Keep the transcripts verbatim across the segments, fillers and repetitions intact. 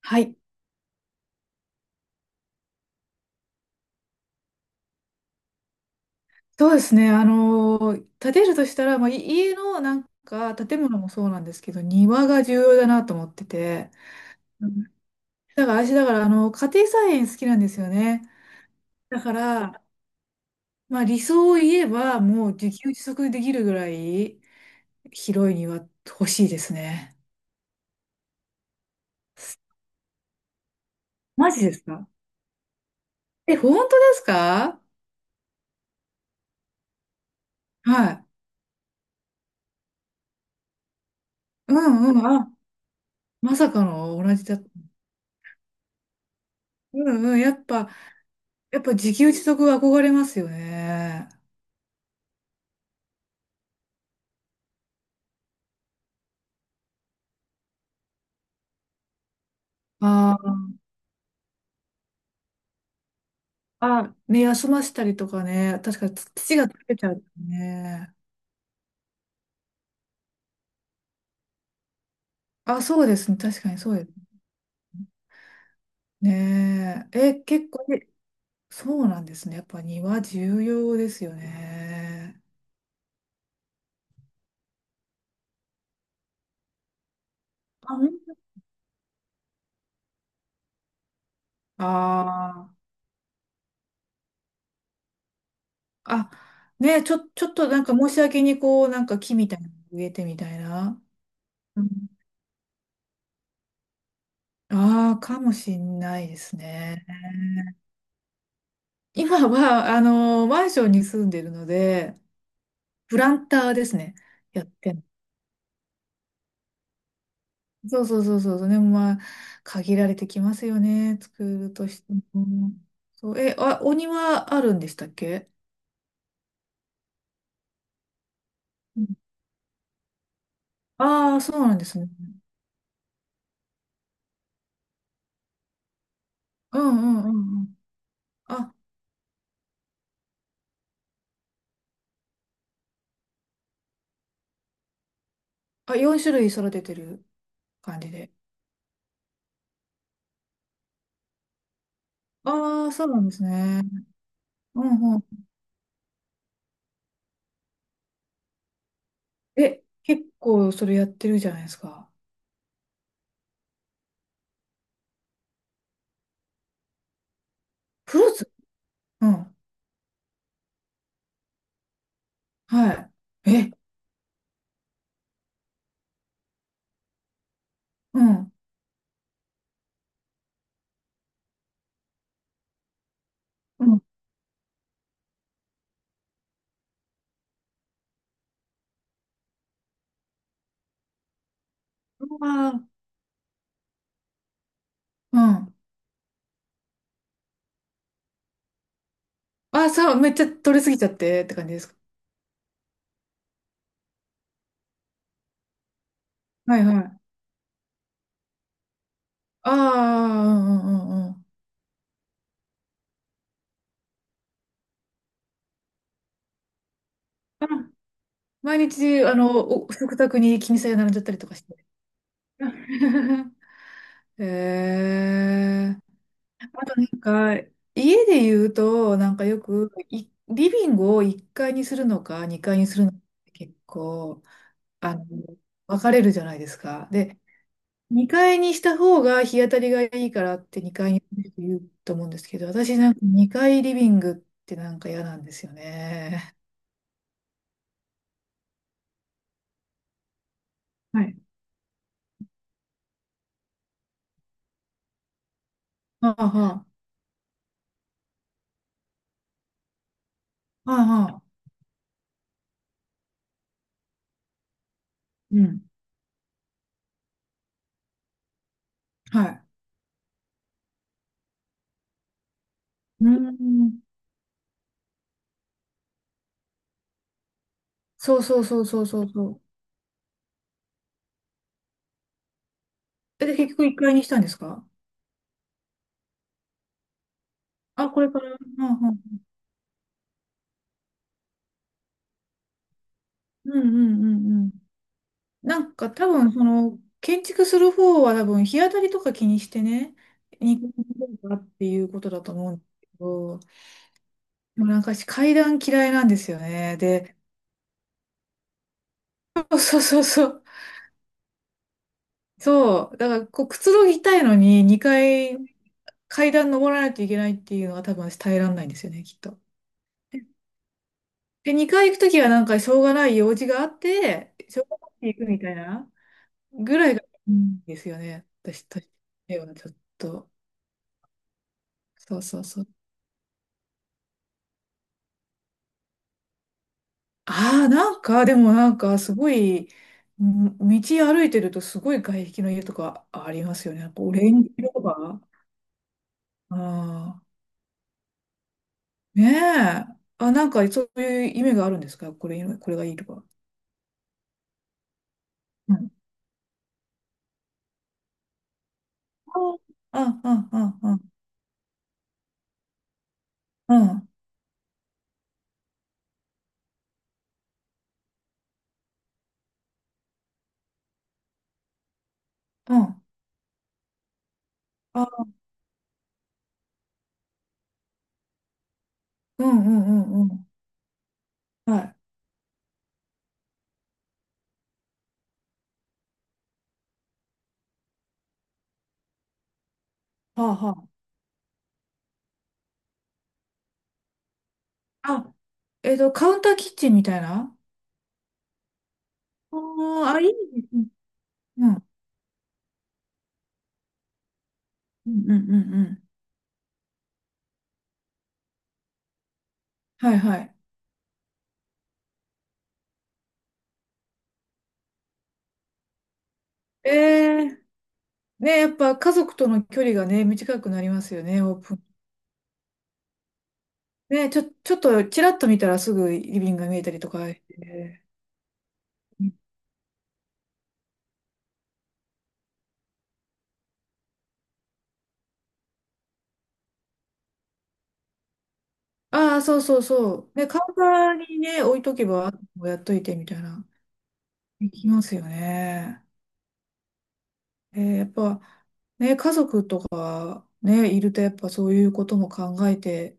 はい、そうですね。あの、建てるとしたら、まあ、い家のなんか建物もそうなんですけど、庭が重要だなと思ってて、うんだから私、だからあの家庭菜園好きなんですよね。だから、まあ、理想を言えば、もう自給自足できるぐらい広い庭欲しいですね。マジですか？え、本当ですか？はい。うんうん。あ、まさかの同じだ。うんうん。やっぱ、やっぱ自給自足は憧れますよね。あ、ね、休ませたりとかね、確かにつ土が溶けちゃうね。あ、そうですね、確かにそうですね。え、結構、えそうなんですね。やっぱ庭重要ですよね。あ、ほんと。あー、あ、ね、ちょ、ちょっとなんか申し訳にこう、なんか木みたいなの植えてみたいな。うん。ああ、かもしんないですね。今は、あの、マンションに住んでるので、プランターですね。やってんの？そうそうそうそう。でもまあ、限られてきますよね。作るとしても。そう、え、あ、お庭あるんでしたっけ？ああー、そうなんですね。うんうんうんうん。あ、あ、よん種類育ててる感じで。ああ、そうなんですね。うんうん。え、結構それやってるじゃないですか。フルーツ。うん。はい。え、うん。うん。ああ、うん。あ、そう、めっちゃ取れすぎちゃってって感じですか？はいはい。ああ、うんうんうんうん。あ、毎日、あの、お食卓に気にさえ並んじゃったりとかして。へえ。あとなんか、家で言うと、なんかよく、いリビングをいっかいにするのか、にかいにするのかって結構、あの、分かれるじゃないですか。で、にかいにした方が日当たりがいいからってにかいにする人言うと思うんですけど、私なんかにかいリビングってなんか嫌なんですよね。はい。はあはあ。はあはあ。うん。はい。うん。そうそうそうそうそうそう。え、で、結局一階にしたんですか？あ、これから。うんうんうんうんうんうん。なんか多分、その、建築する方は多分、日当たりとか気にしてね、二階かっていうことだと思うんですけど、でもなんか私階段嫌いなんですよね。で、そうそうそうそう。そう。だから、こう、くつろぎたいのに、にかい、階段登らないといけないっていうのは多分私耐えられないんですよね、きっと。で、にかい行くときはなんかしょうがない用事があって、しょうがなくて行くみたいなぐらいがいいんですよね。私としてはちょっと。そうそうそう。ああ、なんか、でもなんかすごい、ん道歩いてるとすごい外壁の家とかありますよね。なんかオレンジ色とか。ああ、ねえ。あ、なんかそういう意味があるんですか？これ、これがいいとか。うん。あ、あ、あ、あ、あ、あ、あ、あ、あ、うんうんうんうん。はい。はあはあ。あ、えっと、カウンターキッチンみたいな。あー、あ、いいですね。うん。うんうんうんうん。はいはい。ええ、ね、やっぱ家族との距離がね、短くなりますよね、オープン。ね、ちょ、ちょっとちらっと見たらすぐリビングが見えたりとかして。ああ、そうそうそう。ね、カウンターにね、置いとけば、あともやっといてみたいな。できますよね。えーやっぱ、ね、家族とかね、いるとやっぱそういうことも考えて、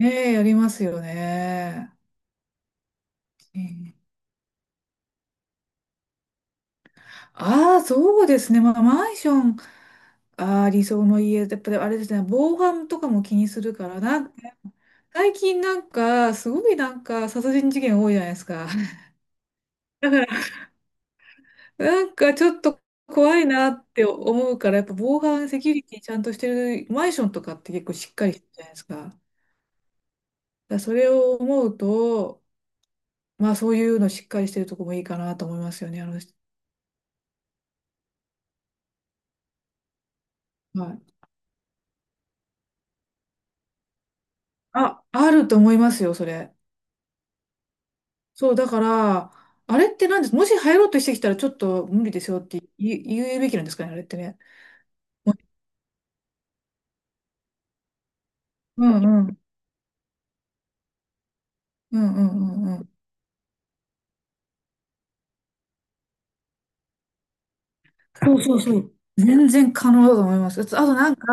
ねえ、やりますよね。ああー、そうですね。まあ、マンション、ああ、理想の家、やっぱりあれですね、防犯とかも気にするから、なんか、最近なんか、すごいなんか、殺人事件多いじゃないですか。だから、なんかちょっと怖いなって思うから、やっぱ防犯セキュリティちゃんとしてるマンションとかって結構しっかりしてるじゃないですか。だからそれを思うと、まあそういうのしっかりしてるとこもいいかなと思いますよね、あの人。はい。あ、あると思いますよ、それ。そう、だから、あれってなんです、もし入ろうとしてきたらちょっと無理ですよって言う、言うべきなんですかね、あれってね。うんうん。うんうんうんうん。そうそうそう。全然可能だと思います。あとあとなんか、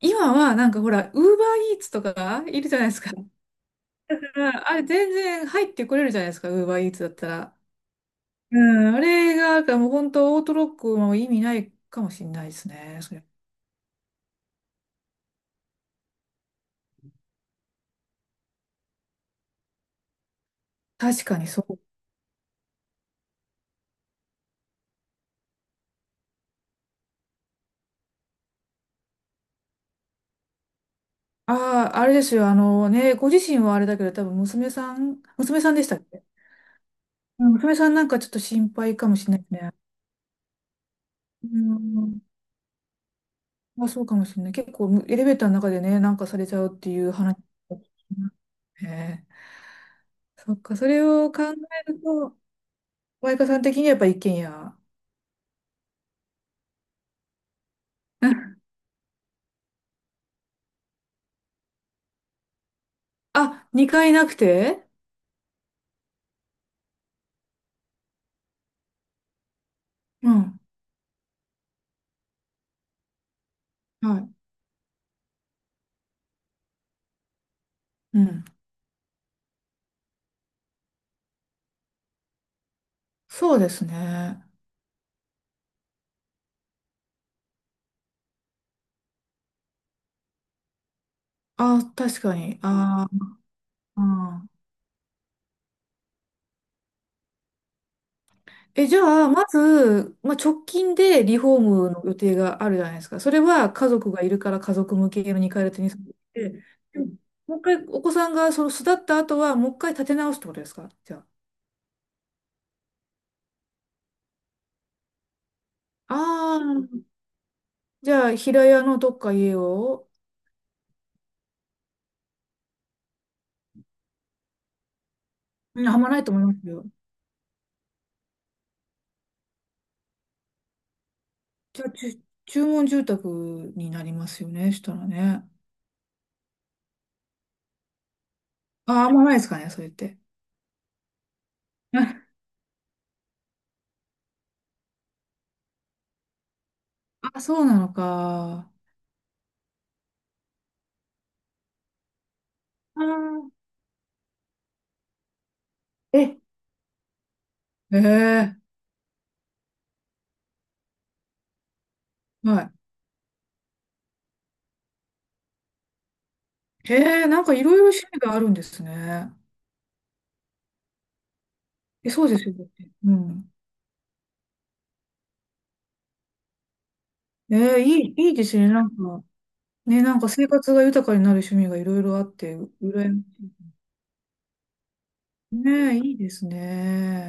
今はなんかほら、ウーバーイーツとかがいるじゃないですか。だからあれ全然入ってこれるじゃないですか、ウーバーイーツだったら。うん、あれが、もう本当オートロックも意味ないかもしれないですね。それ確かにそう。ああ、あれですよ。あのね、ご自身はあれだけど、多分娘さん、娘さんでしたっけ？うん娘さんなんかちょっと心配かもしれないですね。うん、まあ、そうかもしれない。結構エレベーターの中でね、なんかされちゃうっていう話を聞きますね。そっか、それを考えると、マイカさん的にはやっぱ一軒家。あ、にかいなくて？うん。はい。うん。そうですね。あ、確かに。あーあー、え、じゃあ、まず、まあ、直近でリフォームの予定があるじゃないですか。それは家族がいるから家族向けのにかい建てにされて、でももう一回お子さんがその巣立った後は、もう一回建て直すってことですかじゃあ。ああ、じゃあ、平屋のどっか家を、うんあんまないと思いますよ。じゃあ、ちゅ注文住宅になりますよね、したらね。ああ、あんまないですかね、それって。あ、そうなのか。あーえ、ええはい。へえ、なんかいろいろ趣味があるんですね。え、そうですよね。だってうん。えーいい、いいですね。なんか、ね、なんか生活が豊かになる趣味がいろいろあって、うらやましい。ねえ、いいですね。